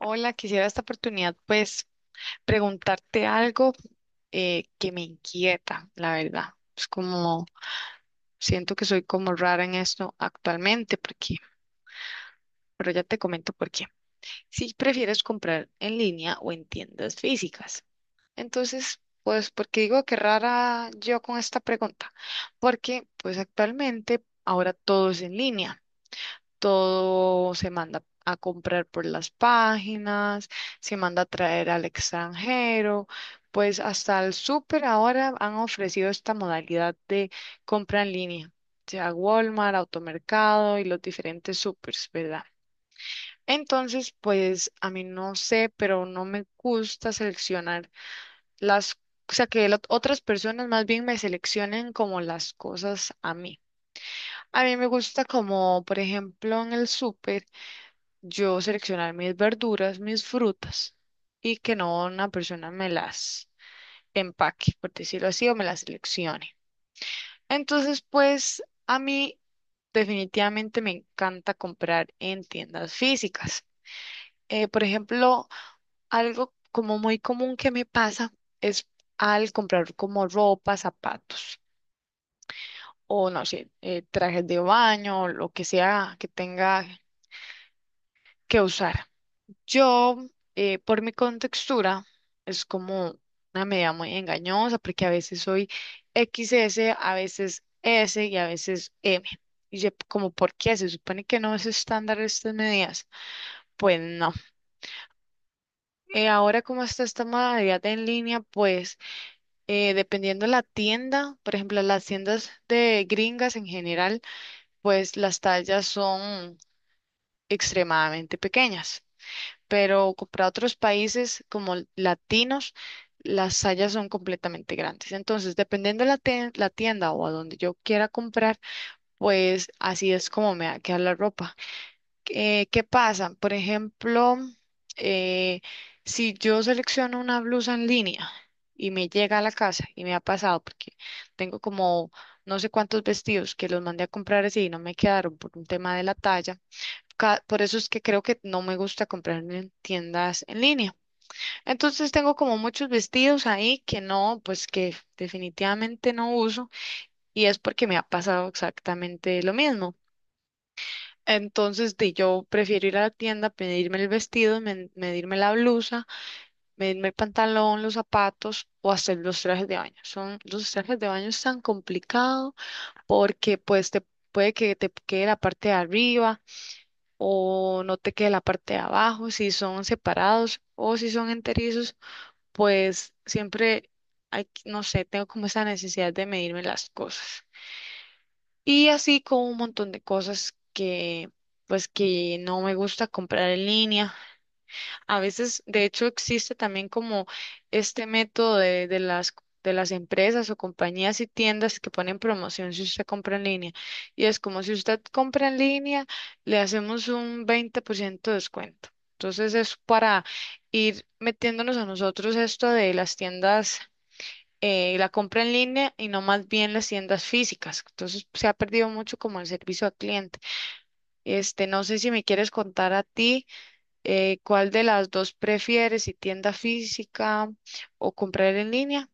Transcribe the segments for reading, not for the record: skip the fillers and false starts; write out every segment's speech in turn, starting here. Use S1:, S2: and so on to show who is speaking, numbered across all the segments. S1: Hola, quisiera esta oportunidad pues preguntarte algo que me inquieta, la verdad. Es como, siento que soy como rara en esto actualmente, pero ya te comento por qué. Si prefieres comprar en línea o en tiendas físicas. Entonces, pues, ¿porque digo que rara yo con esta pregunta? Porque pues actualmente ahora todo es en línea. Todo se manda a comprar por las páginas, se manda a traer al extranjero, pues hasta el súper ahora han ofrecido esta modalidad de compra en línea, sea Walmart, Automercado y los diferentes supers, ¿verdad? Entonces, pues a mí no sé, pero no me gusta seleccionar las, o sea, que otras personas más bien me seleccionen como las cosas a mí. A mí me gusta como, por ejemplo, en el súper yo seleccionar mis verduras, mis frutas y que no una persona me las empaque, por decirlo así, o me las seleccione. Entonces, pues a mí definitivamente me encanta comprar en tiendas físicas. Por ejemplo, algo como muy común que me pasa es al comprar como ropa, zapatos o no sé, trajes de baño, lo que sea que tenga que usar. Yo, por mi contextura, es como una medida muy engañosa porque a veces soy XS, a veces S y a veces M. Y yo, como, ¿por qué? Se supone que no es estándar estas medidas. Pues no. Ahora como está esta modalidad en línea, pues dependiendo de la tienda, por ejemplo, las tiendas de gringas en general, pues las tallas son extremadamente pequeñas. Pero para otros países como latinos, las tallas son completamente grandes. Entonces, dependiendo de la tienda o a donde yo quiera comprar, pues así es como me va a quedar la ropa. ¿Qué pasa? Por ejemplo, eh, si yo selecciono una blusa en línea y me llega a la casa, y me ha pasado, porque tengo como no sé cuántos vestidos que los mandé a comprar así y no me quedaron por un tema de la talla. Por eso es que creo que no me gusta comprar en tiendas en línea. Entonces tengo como muchos vestidos ahí que no, pues que definitivamente no uso, y es porque me ha pasado exactamente lo mismo. Entonces yo prefiero ir a la tienda, pedirme el vestido, medirme la blusa, medirme el pantalón, los zapatos o hacer los trajes de baño. Son los trajes de baño, es tan complicado porque pues te puede que te quede la parte de arriba o no te quede la parte de abajo, si son separados o si son enterizos, pues siempre no sé, tengo como esa necesidad de medirme las cosas. Y así con un montón de cosas que pues que no me gusta comprar en línea. A veces, de hecho, existe también como este método de las empresas o compañías y tiendas que ponen promoción si usted compra en línea. Y es como, si usted compra en línea, le hacemos un 20% de descuento. Entonces es para ir metiéndonos a nosotros esto de las tiendas, la compra en línea, y no más bien las tiendas físicas. Entonces se ha perdido mucho como el servicio al cliente. No sé si me quieres contar a ti. ¿Cuál de las dos prefieres, si tienda física o comprar en línea?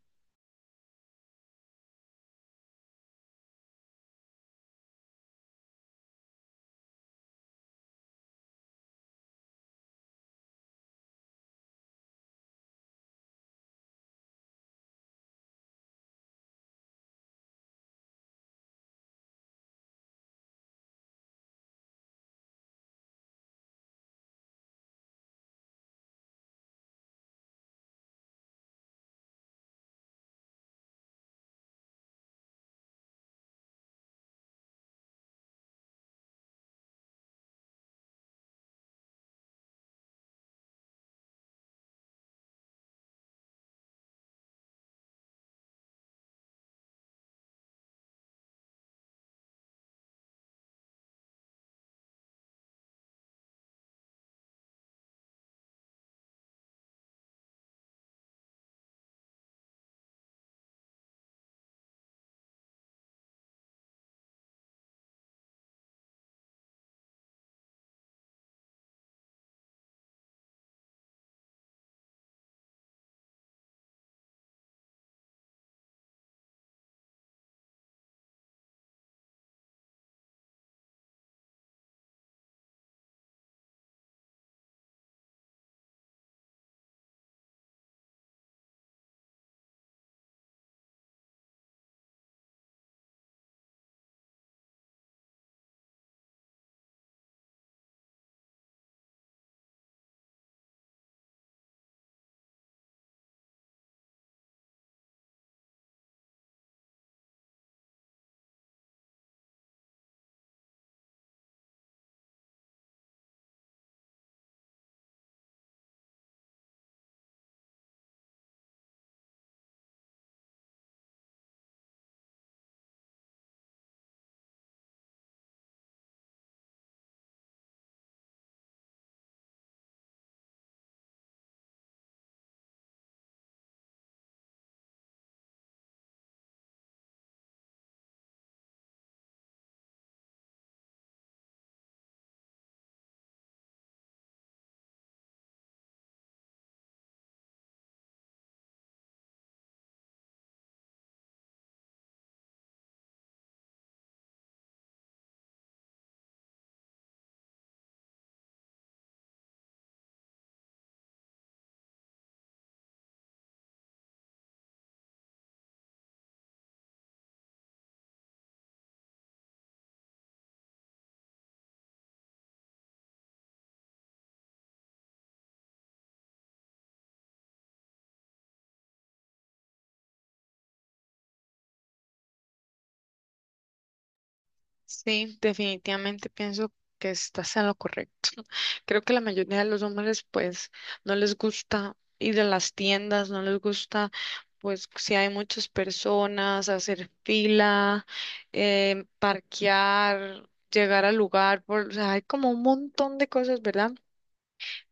S1: Sí, definitivamente pienso que estás en lo correcto. Creo que la mayoría de los hombres pues no les gusta ir a las tiendas, no les gusta, pues si hay muchas personas, hacer fila, parquear, llegar al lugar, o sea, hay como un montón de cosas, ¿verdad?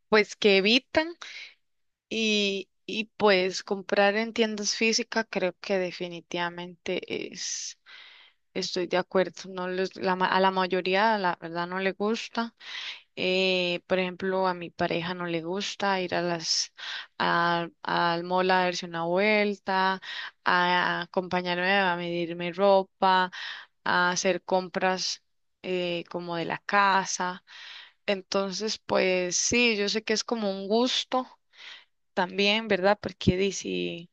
S1: Pues que evitan. Y pues comprar en tiendas físicas, creo que definitivamente estoy de acuerdo. No les- a la mayoría, la verdad, no le gusta. Por ejemplo, a mi pareja no le gusta ir a al mall a darse una vuelta, a acompañarme a medirme ropa, a hacer compras como de la casa. Entonces, pues sí, yo sé que es como un gusto también, ¿verdad? Porque dice,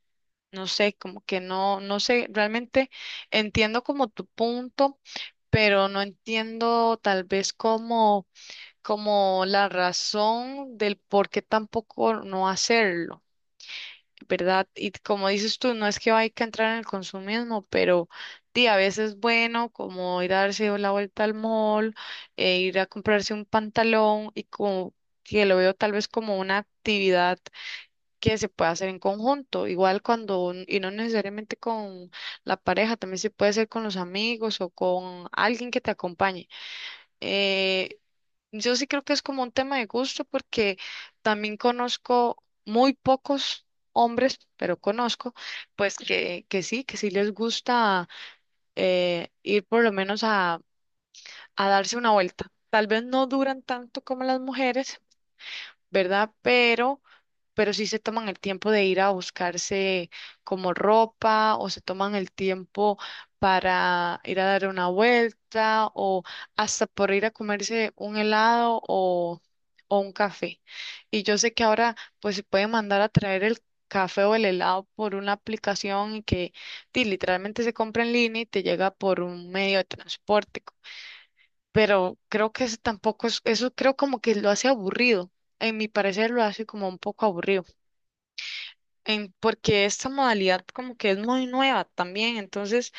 S1: no sé, como que no, no sé, realmente entiendo como tu punto, pero no entiendo tal vez como la razón del por qué tampoco no hacerlo, ¿verdad? Y como dices tú, no es que hay que entrar en el consumismo, pero sí, a veces es bueno como ir a darse la vuelta al mall, e ir a comprarse un pantalón, y como que lo veo tal vez como una actividad que se puede hacer en conjunto, igual y no necesariamente con la pareja, también se puede hacer con los amigos o con alguien que te acompañe. Eh, yo sí creo que es como un tema de gusto, porque también conozco muy pocos hombres, pero conozco, pues que sí les gusta, ir por lo menos a, darse una vuelta. Tal vez no duran tanto como las mujeres, ¿verdad? Pero sí se toman el tiempo de ir a buscarse como ropa, o se toman el tiempo para ir a dar una vuelta, o hasta por ir a comerse un helado o un café. Y yo sé que ahora pues se puede mandar a traer el café o el helado por una aplicación y que literalmente se compra en línea y te llega por un medio de transporte, pero creo que eso tampoco eso creo como que lo hace aburrido. En mi parecer lo hace como un poco aburrido, porque esta modalidad como que es muy nueva también, entonces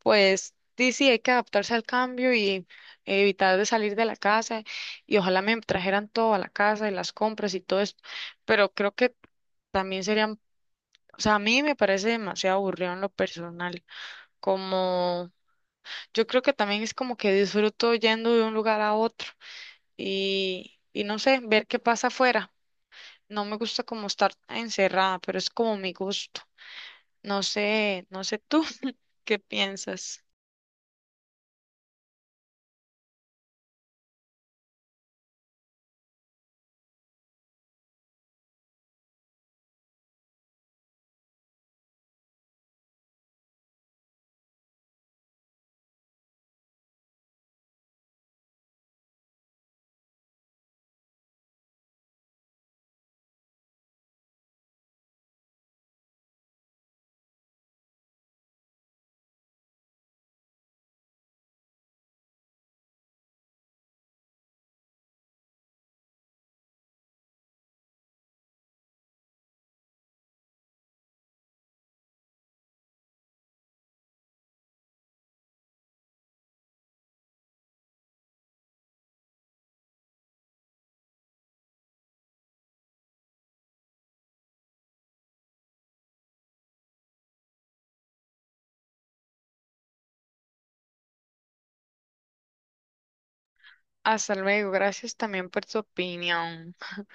S1: pues sí, sí, hay que adaptarse al cambio y evitar de salir de la casa, y ojalá me trajeran todo a la casa y las compras y todo esto, pero creo que también serían, o sea, a mí me parece demasiado aburrido en lo personal, como yo creo que también es como que disfruto yendo de un lugar a otro. Y no sé, ver qué pasa afuera. No me gusta como estar encerrada, pero es como mi gusto. No sé, no sé tú qué piensas. Hasta luego, gracias también por tu opinión.